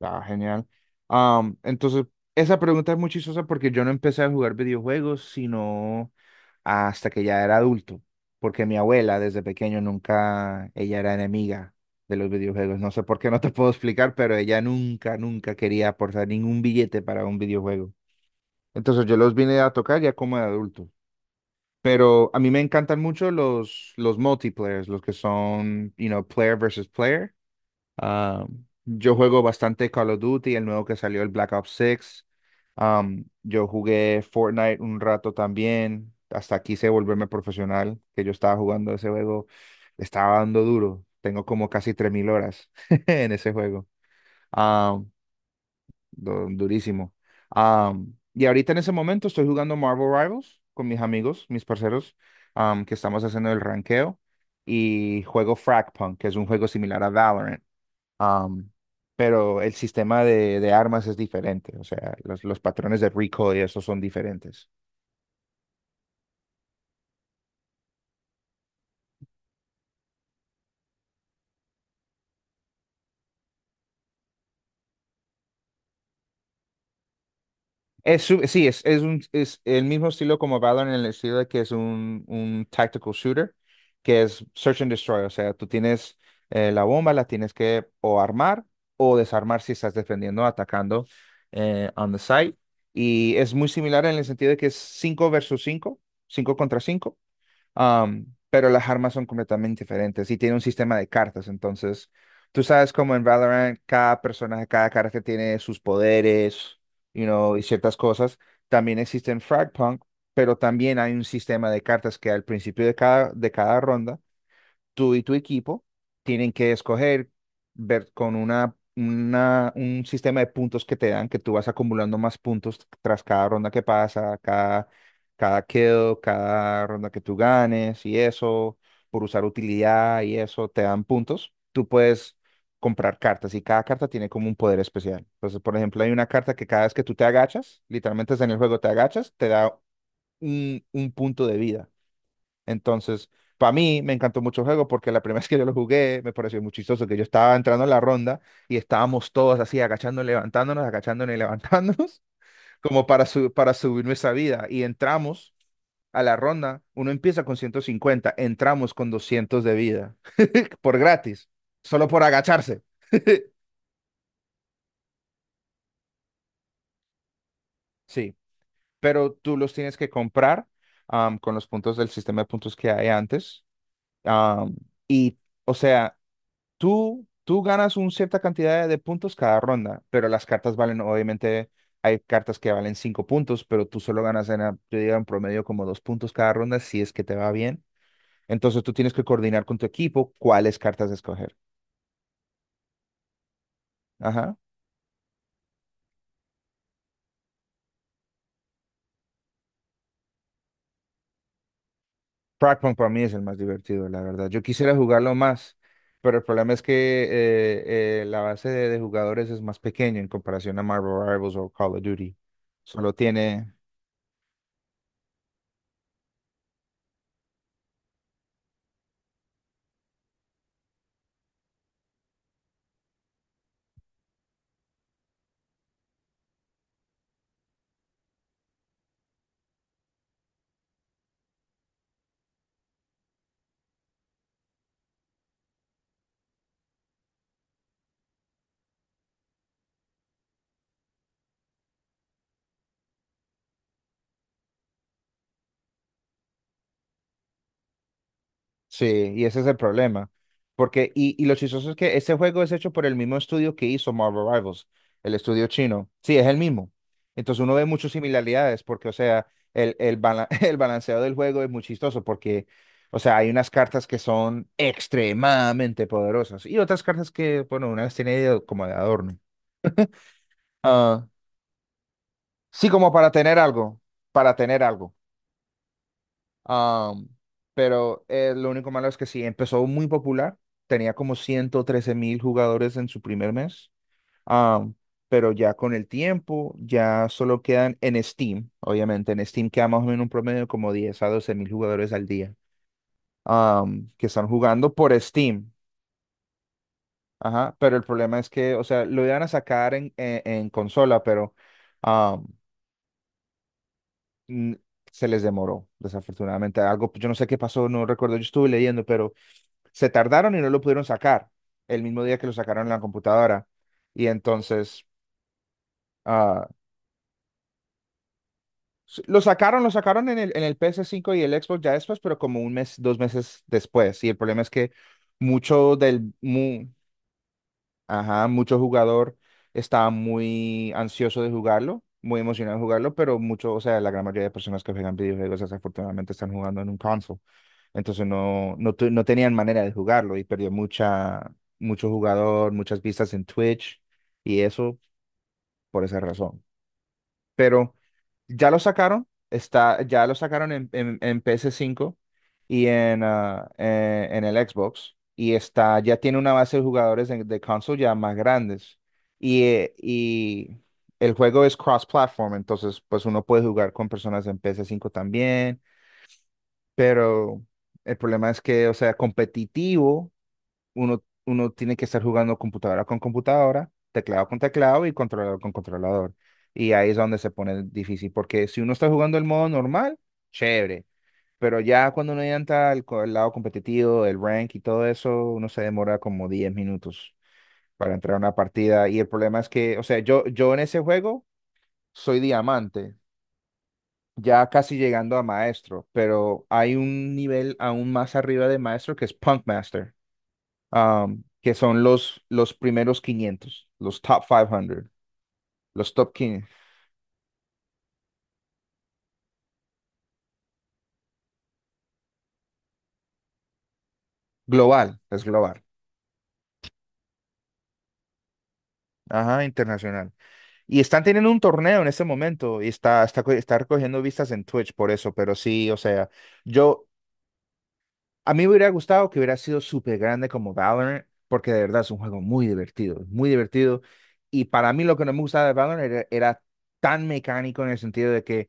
Ah, genial. Am, entonces, esa pregunta es muy chistosa porque yo no empecé a jugar videojuegos sino hasta que ya era adulto, porque mi abuela desde pequeño nunca, ella era enemiga de los videojuegos. No sé por qué, no te puedo explicar, pero ella nunca, nunca quería aportar ningún billete para un videojuego. Entonces yo los vine a tocar ya como de adulto. Pero a mí me encantan mucho los multiplayers, los que son, player versus player. Ah, yo juego bastante Call of Duty, el nuevo que salió, el Black Ops 6. Yo jugué Fortnite un rato también. Hasta quise volverme profesional, que yo estaba jugando ese juego. Le estaba dando duro. Tengo como casi 3.000 horas en ese juego. Am, durísimo. Y ahorita en ese momento estoy jugando Marvel Rivals con mis amigos, mis parceros, que estamos haciendo el ranqueo. Y juego Fragpunk, que es un juego similar a Valorant. Am, pero el sistema de armas es diferente, o sea, los patrones de recoil y eso son diferentes. Sí, es el mismo estilo como Valorant en el estilo de que es un tactical shooter, que es search and destroy, o sea, tú tienes la bomba, la tienes que o armar o desarmar si estás defendiendo, atacando on the site. Y es muy similar en el sentido de que es 5 versus 5, 5 contra cinco. Pero las armas son completamente diferentes y tiene un sistema de cartas. Entonces, tú sabes como en Valorant cada personaje, cada carta tiene sus poderes, y ciertas cosas. También existe en Fragpunk, pero también hay un sistema de cartas que al principio de cada ronda tú y tu equipo tienen que escoger, ver con un sistema de puntos que te dan, que tú vas acumulando más puntos tras cada ronda que pasa, cada kill, cada ronda que tú ganes y eso, por usar utilidad y eso, te dan puntos. Tú puedes comprar cartas y cada carta tiene como un poder especial. Entonces, por ejemplo, hay una carta que cada vez que tú te agachas, literalmente es en el juego, te agachas, te da un punto de vida. Entonces, para mí me encantó mucho el juego porque la primera vez que yo lo jugué me pareció muy chistoso que yo estaba entrando en la ronda y estábamos todos así agachándonos, levantándonos, agachándonos y levantándonos como para, para subir nuestra vida. Y entramos a la ronda, uno empieza con 150. Entramos con 200 de vida por gratis, solo por agacharse. Sí, pero tú los tienes que comprar con los puntos del sistema de puntos que hay antes. Am, y, o sea, Tú ganas una cierta cantidad de puntos cada ronda, pero las cartas valen, obviamente, hay cartas que valen cinco puntos, pero tú solo ganas yo digo, en promedio como dos puntos cada ronda si es que te va bien. Entonces tú tienes que coordinar con tu equipo cuáles cartas escoger. Ajá. Frogpunk para mí es el más divertido, la verdad. Yo quisiera jugarlo más, pero el problema es que la base de jugadores es más pequeña en comparación a Marvel Rivals o Call of Duty. Solo tiene... Sí, y ese es el problema. Porque, y lo chistoso es que ese juego es hecho por el mismo estudio que hizo Marvel Rivals, el estudio chino. Sí, es el mismo. Entonces uno ve muchas similaridades porque, o sea, el balanceado del juego es muy chistoso porque, o sea, hay unas cartas que son extremadamente poderosas y otras cartas que, bueno, unas tiene como de adorno. Ah, sí, como para tener algo, para tener algo. Am, pero lo único malo es que sí, empezó muy popular, tenía como 113.000 jugadores en su primer mes. Am, pero ya con el tiempo ya solo quedan en Steam, obviamente en Steam queda más o menos un promedio de como 10 a 12 mil jugadores al día que están jugando por Steam. Ajá, pero el problema es que, o sea, lo iban a sacar en consola, pero am, n- se les demoró, desafortunadamente. Algo, yo no sé qué pasó, no recuerdo, yo estuve leyendo, pero se tardaron y no lo pudieron sacar el mismo día que lo sacaron en la computadora. Y entonces, ah, lo sacaron en el PS5 y el Xbox ya después, pero como un mes, dos meses después. Y el problema es que mucho del, mu- ajá, mucho jugador estaba muy ansioso de jugarlo, muy emocionado de jugarlo, pero mucho, o sea, la gran mayoría de personas que juegan videojuegos desafortunadamente están jugando en un console. Entonces no, no, no tenían manera de jugarlo y perdió mucha, mucho jugador, muchas vistas en Twitch y eso por esa razón. Pero ya lo sacaron, está, ya lo sacaron en PS5 y en, en el Xbox y está, ya tiene una base de jugadores de console ya más grandes. Y el juego es cross-platform, entonces pues uno puede jugar con personas en PS5 también, pero el problema es que, o sea, competitivo. Uno tiene que estar jugando computadora con computadora, teclado con teclado y controlador con controlador. Y ahí es donde se pone difícil, porque si uno está jugando el modo normal, chévere, pero ya cuando uno entra al lado competitivo, el rank y todo eso, uno se demora como 10 minutos para entrar a una partida. Y el problema es que, o sea, yo en ese juego soy diamante. Ya casi llegando a maestro, pero hay un nivel aún más arriba de maestro que es Punk Master, que son los primeros quinientos, los top 500, los top 15, global, es global, ajá, internacional. Y están teniendo un torneo en este momento y está recogiendo vistas en Twitch por eso, pero sí, o sea, yo, a mí me hubiera gustado que hubiera sido súper grande como Valorant, porque de verdad es un juego muy divertido, muy divertido. Y para mí lo que no me gustaba de Valorant era tan mecánico en el sentido de que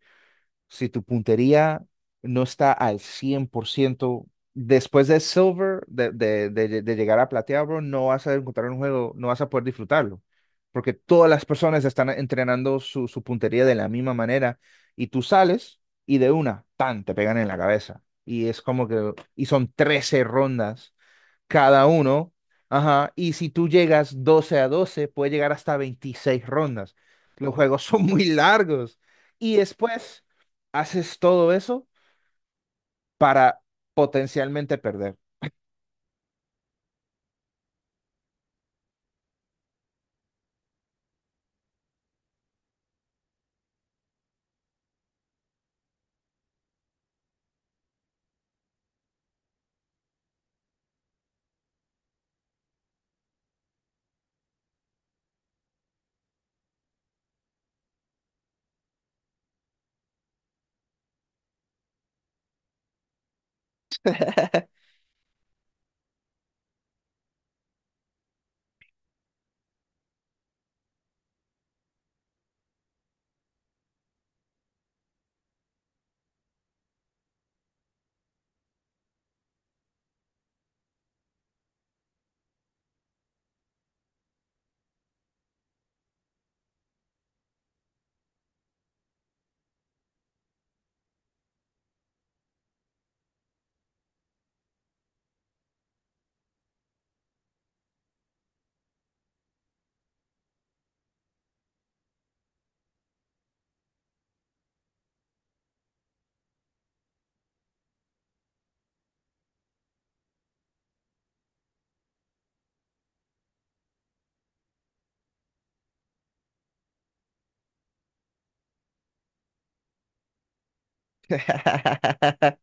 si tu puntería no está al 100% después de Silver, de llegar a plateado, bro, no vas a encontrar un juego, no vas a poder disfrutarlo, porque todas las personas están entrenando su puntería de la misma manera y tú sales y de una, tan, te pegan en la cabeza. Y es como que, y son 13 rondas cada uno. Ajá. Y si tú llegas 12 a 12 puede llegar hasta 26 rondas. Los juegos son muy largos. Y después haces todo eso para potencialmente perder.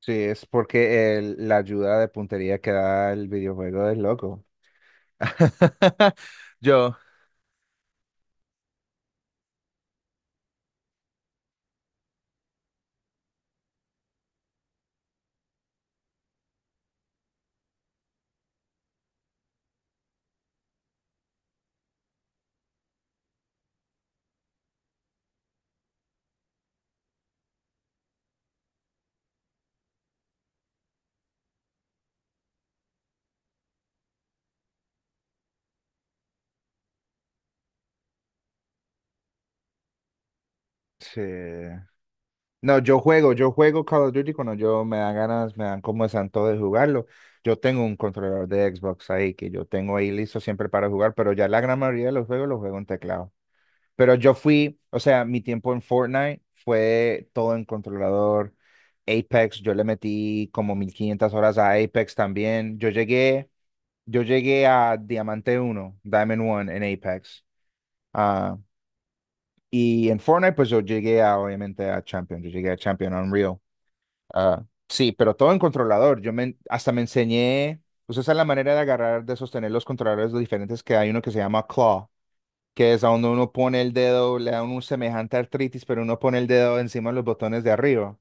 Sí, es porque la ayuda de puntería que da el videojuego es loco. Yo. Sí. No, yo juego Call of Duty cuando yo me dan ganas, me dan como santo de jugarlo. Yo tengo un controlador de Xbox ahí que yo tengo ahí listo siempre para jugar, pero ya la gran mayoría de los juegos los juego en teclado. Pero yo fui, o sea, mi tiempo en Fortnite fue todo en controlador. Apex, yo le metí como 1.500 horas a Apex también. Yo llegué a Diamante 1, Diamond 1 en Apex. Ah, y en Fortnite, pues yo llegué a, obviamente, a Champion. Yo llegué a Champion Unreal. Ah, sí, pero todo en controlador. Yo me, hasta me enseñé, pues esa es la manera de agarrar, de sostener los controladores diferentes que hay uno que se llama claw, que es a donde uno pone el dedo, le da un semejante artritis, pero uno pone el dedo encima de los botones de arriba.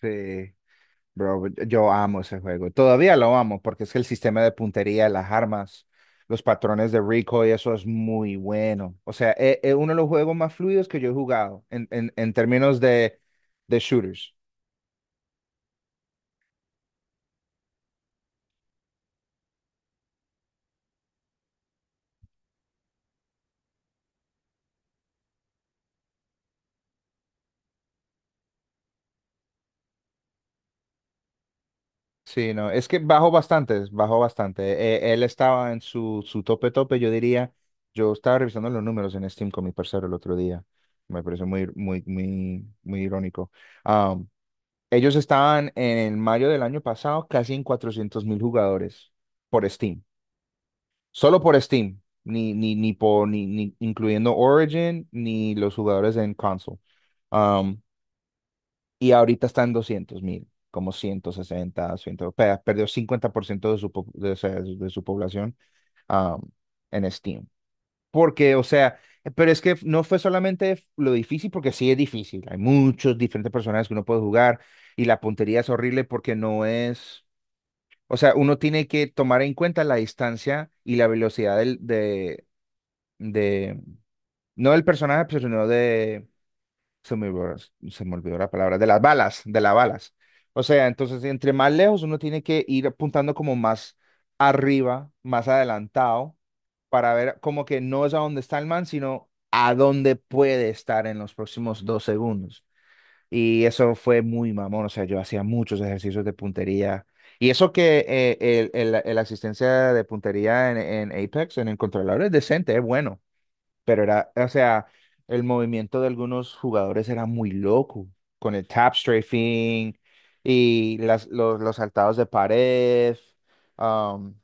Sí, bro, yo amo ese juego. Todavía lo amo porque es que el sistema de puntería, las armas, los patrones de recoil, eso es muy bueno. O sea, es uno de los juegos más fluidos que yo he jugado en términos de shooters. Sí, no, es que bajó bastante, bajó bastante. Él estaba en su tope tope, yo diría. Yo estaba revisando los números en Steam con mi parcero el otro día. Me pareció muy, muy, muy, muy irónico. Am, ellos estaban en mayo del año pasado casi en 400.000 jugadores por Steam. Solo por Steam, ni incluyendo Origin ni los jugadores en console. Ah, y ahorita está en 200 mil, como 160, 100, perdió 50% de su, o sea, de su población um, en Steam. Porque, o sea, pero es que no fue solamente lo difícil, porque sí es difícil, hay muchos diferentes personajes que uno puede jugar y la puntería es horrible porque no es, o sea, uno tiene que tomar en cuenta la distancia y la velocidad de, no del personaje, pero sino de se me olvidó, se me olvidó la palabra, de las balas, de las balas. O sea, entonces, entre más lejos uno tiene que ir apuntando como más arriba, más adelantado, para ver como que no es a dónde está el man, sino a dónde puede estar en los próximos 2 segundos. Y eso fue muy mamón, o sea, yo hacía muchos ejercicios de puntería. Y eso que la asistencia de puntería en Apex, en el controlador, es decente, es bueno. Pero era, o sea, el movimiento de algunos jugadores era muy loco, con el tap strafing y los saltados de pared. um,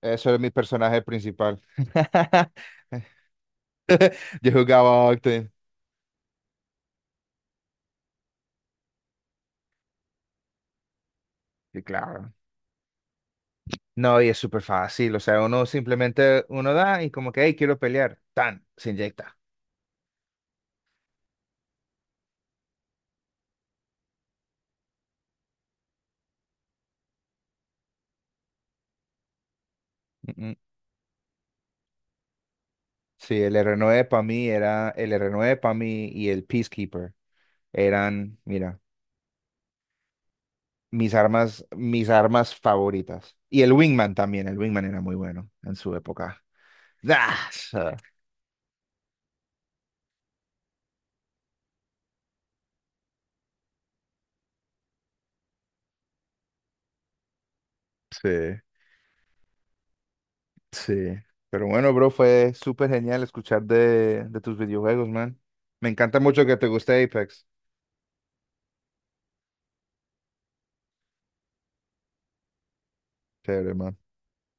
Eso era mi personaje principal. Yo jugaba Octane. Y claro. No, y es súper fácil. O sea, uno simplemente, uno da y como que, hey, quiero pelear. Tan, se inyecta. Mm, mm. Sí, el R9 para mí y el Peacekeeper eran, mira. Mis armas, favoritas. Y el Wingman también, el Wingman era muy bueno en su época. ¡Das! Ah, sí, sí. Pero bueno, bro, fue súper genial escuchar de tus videojuegos, man. Me encanta mucho que te guste Apex. Chévere, man.